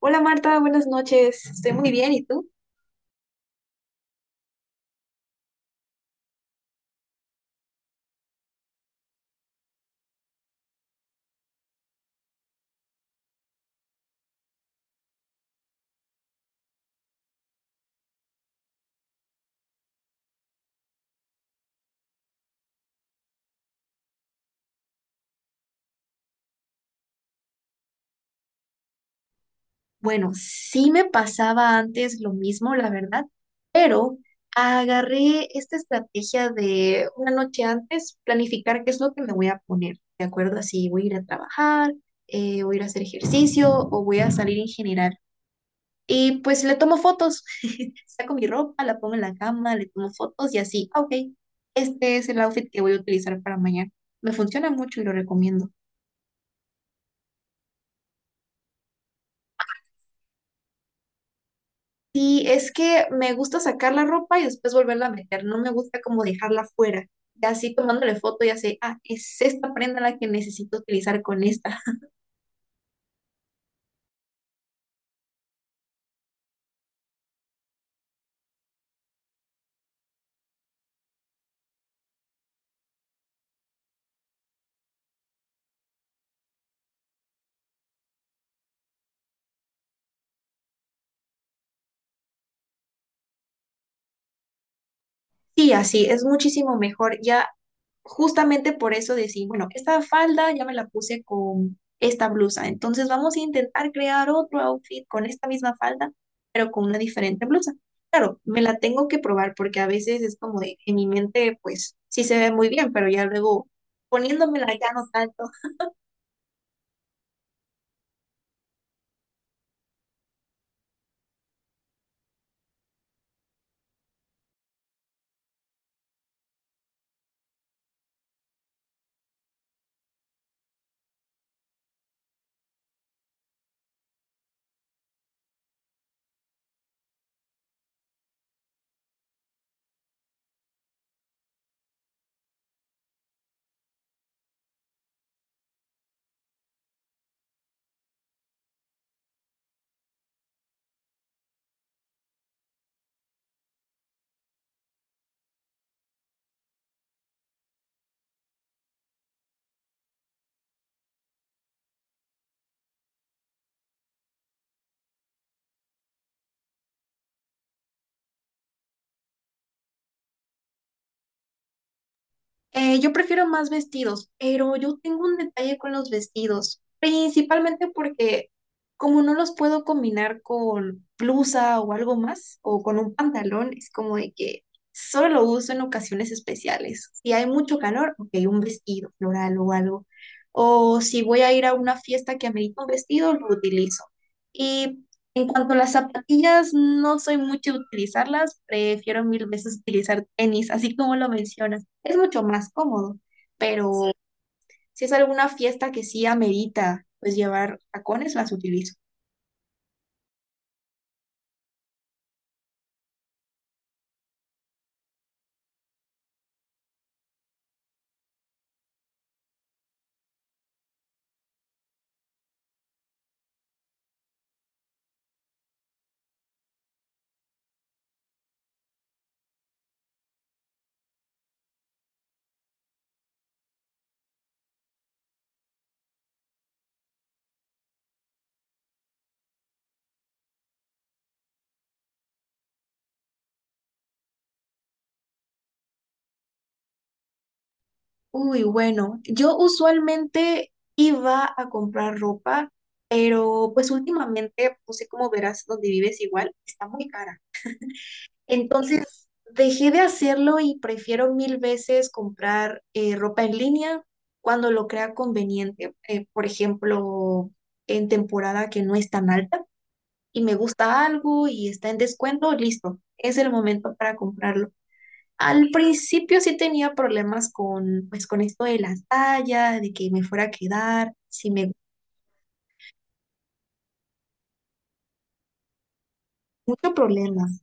Hola Marta, buenas noches. Estoy muy bien, ¿y tú? Bueno, sí me pasaba antes lo mismo, la verdad, pero agarré esta estrategia de una noche antes planificar qué es lo que me voy a poner, ¿de acuerdo? Así voy a ir a trabajar, voy a ir a hacer ejercicio o voy a salir en general. Y pues le tomo fotos, saco mi ropa, la pongo en la cama, le tomo fotos y así, ah, ok, este es el outfit que voy a utilizar para mañana. Me funciona mucho y lo recomiendo. Sí, es que me gusta sacar la ropa y después volverla a meter. No me gusta como dejarla fuera. Y así tomándole foto, ya sé, ah, es esta prenda la que necesito utilizar con esta. Sí, así, es muchísimo mejor. Ya justamente por eso decir, bueno, esta falda ya me la puse con esta blusa. Entonces vamos a intentar crear otro outfit con esta misma falda, pero con una diferente blusa. Claro, me la tengo que probar porque a veces es como de, en mi mente, pues sí se ve muy bien, pero ya luego poniéndomela ya no tanto. Yo prefiero más vestidos, pero yo tengo un detalle con los vestidos, principalmente porque como no los puedo combinar con blusa o algo más, o con un pantalón, es como de que solo lo uso en ocasiones especiales. Si hay mucho calor, ok, un vestido floral o algo. O si voy a ir a una fiesta que amerita un vestido, lo utilizo. Y en cuanto a las zapatillas, no soy mucho de utilizarlas, prefiero mil veces utilizar tenis, así como lo mencionas es mucho más cómodo, pero si es alguna fiesta que sí amerita, pues llevar tacones, las utilizo. Uy, bueno, yo usualmente iba a comprar ropa, pero pues últimamente, no sé cómo verás donde vives igual, está muy cara. Entonces, dejé de hacerlo y prefiero mil veces comprar ropa en línea cuando lo crea conveniente. Por ejemplo, en temporada que no es tan alta y me gusta algo y está en descuento, listo, es el momento para comprarlo. Al principio sí tenía problemas con, pues, con esto de la talla, de que me fuera a quedar, mucho problemas.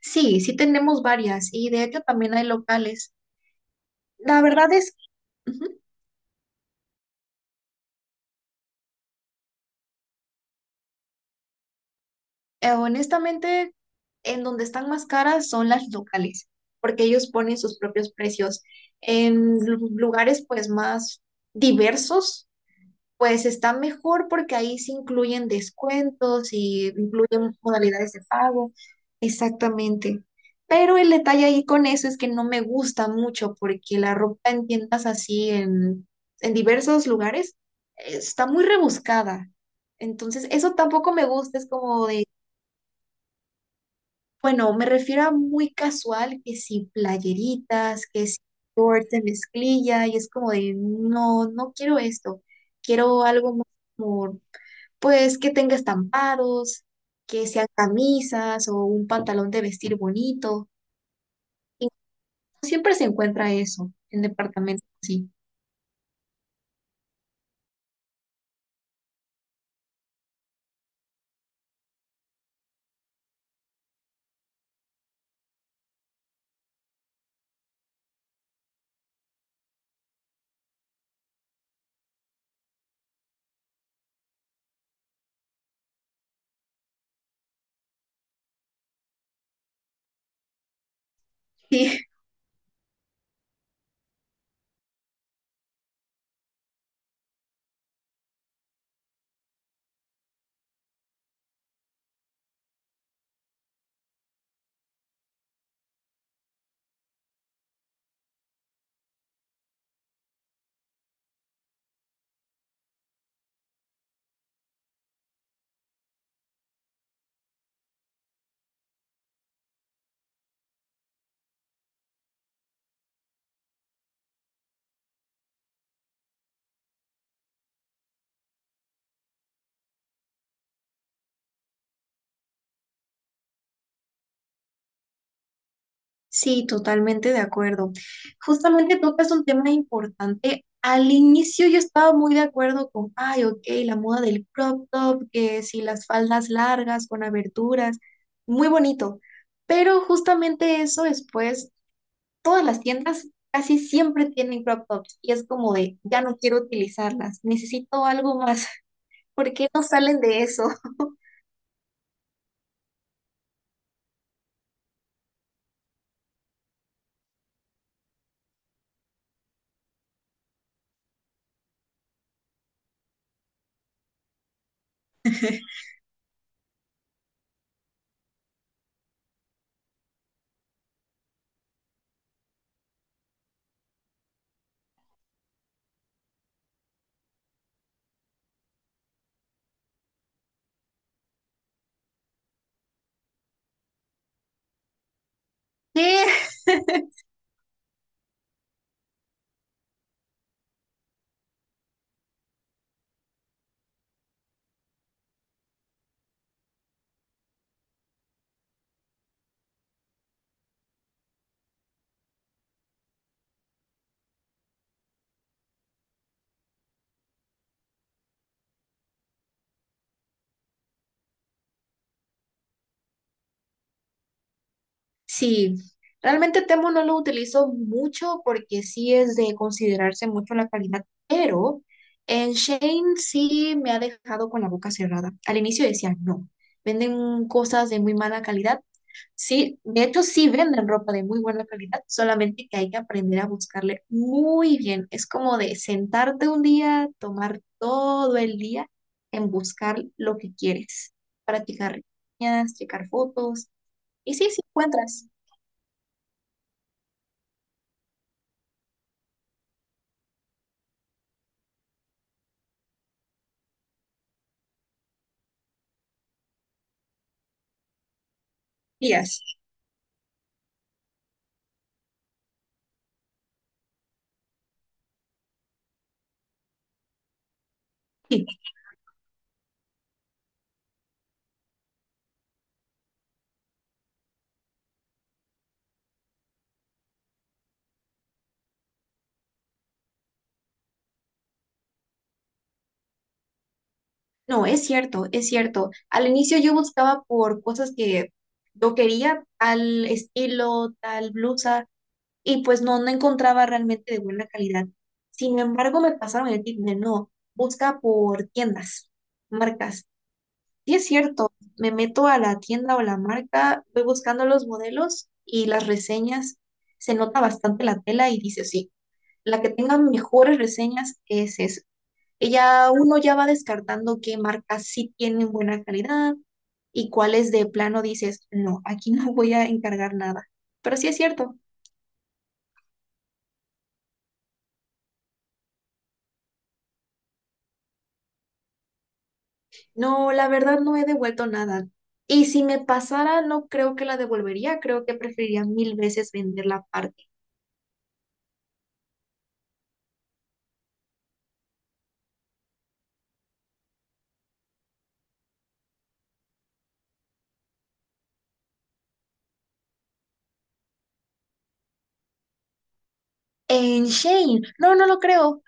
Sí, sí tenemos varias y de hecho también hay locales. La verdad es, ujú, honestamente, en donde están más caras son las locales, porque ellos ponen sus propios precios. En lugares pues más diversos. Pues está mejor porque ahí se incluyen descuentos y incluyen modalidades de pago. Exactamente. Pero el detalle ahí con eso es que no me gusta mucho porque la ropa en tiendas así en, diversos lugares está muy rebuscada. Entonces, eso tampoco me gusta. Es como de, bueno, me refiero a muy casual, que si playeritas, que si shorts de mezclilla, y es como de, no, no quiero esto. Quiero algo más como pues que tenga estampados, que sean camisas o un pantalón de vestir bonito. Y siempre se encuentra eso en departamentos así. Sí, sí, totalmente de acuerdo. Justamente tocas un tema importante. Al inicio yo estaba muy de acuerdo con, ay, ok, la moda del crop top, que si las faldas largas con aberturas, muy bonito. Pero justamente eso después todas las tiendas casi siempre tienen crop tops y es como de, ya no quiero utilizarlas, necesito algo más. ¿Por qué no salen de eso? ¿Qué? Sí, realmente Temu no lo utilizo mucho porque sí es de considerarse mucho la calidad, pero en Shane sí me ha dejado con la boca cerrada. Al inicio decía, no, venden cosas de muy mala calidad. Sí, de hecho sí venden ropa de muy buena calidad, solamente que hay que aprender a buscarle muy bien. Es como de sentarte un día, tomar todo el día en buscar lo que quieres, practicar reseñas, checar fotos, y sí, sí encuentras. Días. Sí. No, es cierto, es cierto. Al inicio yo buscaba por cosas que yo quería, tal estilo, tal blusa, y pues no, no encontraba realmente de buena calidad. Sin embargo, me pasaron el tip de no, busca por tiendas, marcas. Sí es cierto, me meto a la tienda o la marca, voy buscando los modelos y las reseñas, se nota bastante la tela y dice, sí, la que tenga mejores reseñas es esa. Y ya uno ya va descartando qué marcas sí tienen buena calidad y cuáles de plano dices, no, aquí no voy a encargar nada. Pero sí es cierto. No, la verdad no he devuelto nada. Y si me pasara, no creo que la devolvería, creo que preferiría mil veces vender la parte. En Shane, no, no lo creo.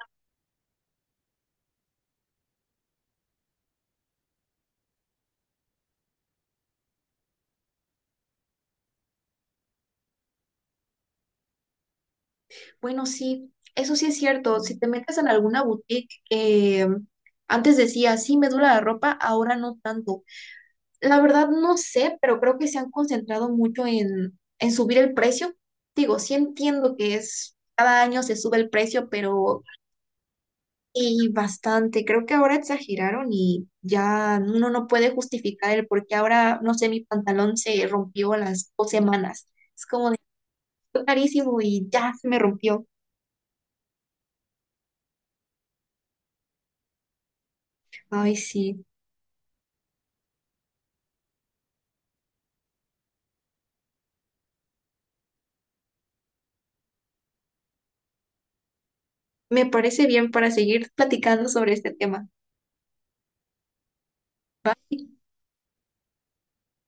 Bueno, sí, eso sí es cierto. Si te metes en alguna boutique que antes decía, sí, me dura la ropa, ahora no tanto. La verdad no sé, pero creo que se han concentrado mucho en, subir el precio. Digo, sí entiendo que es, cada año se sube el precio, pero... Y bastante, creo que ahora exageraron y ya uno no puede justificar el por qué ahora, no sé, mi pantalón se rompió a las 2 semanas. Es como de "Fue carísimo y ya se me rompió". Ay, sí, me parece bien para seguir platicando sobre este tema.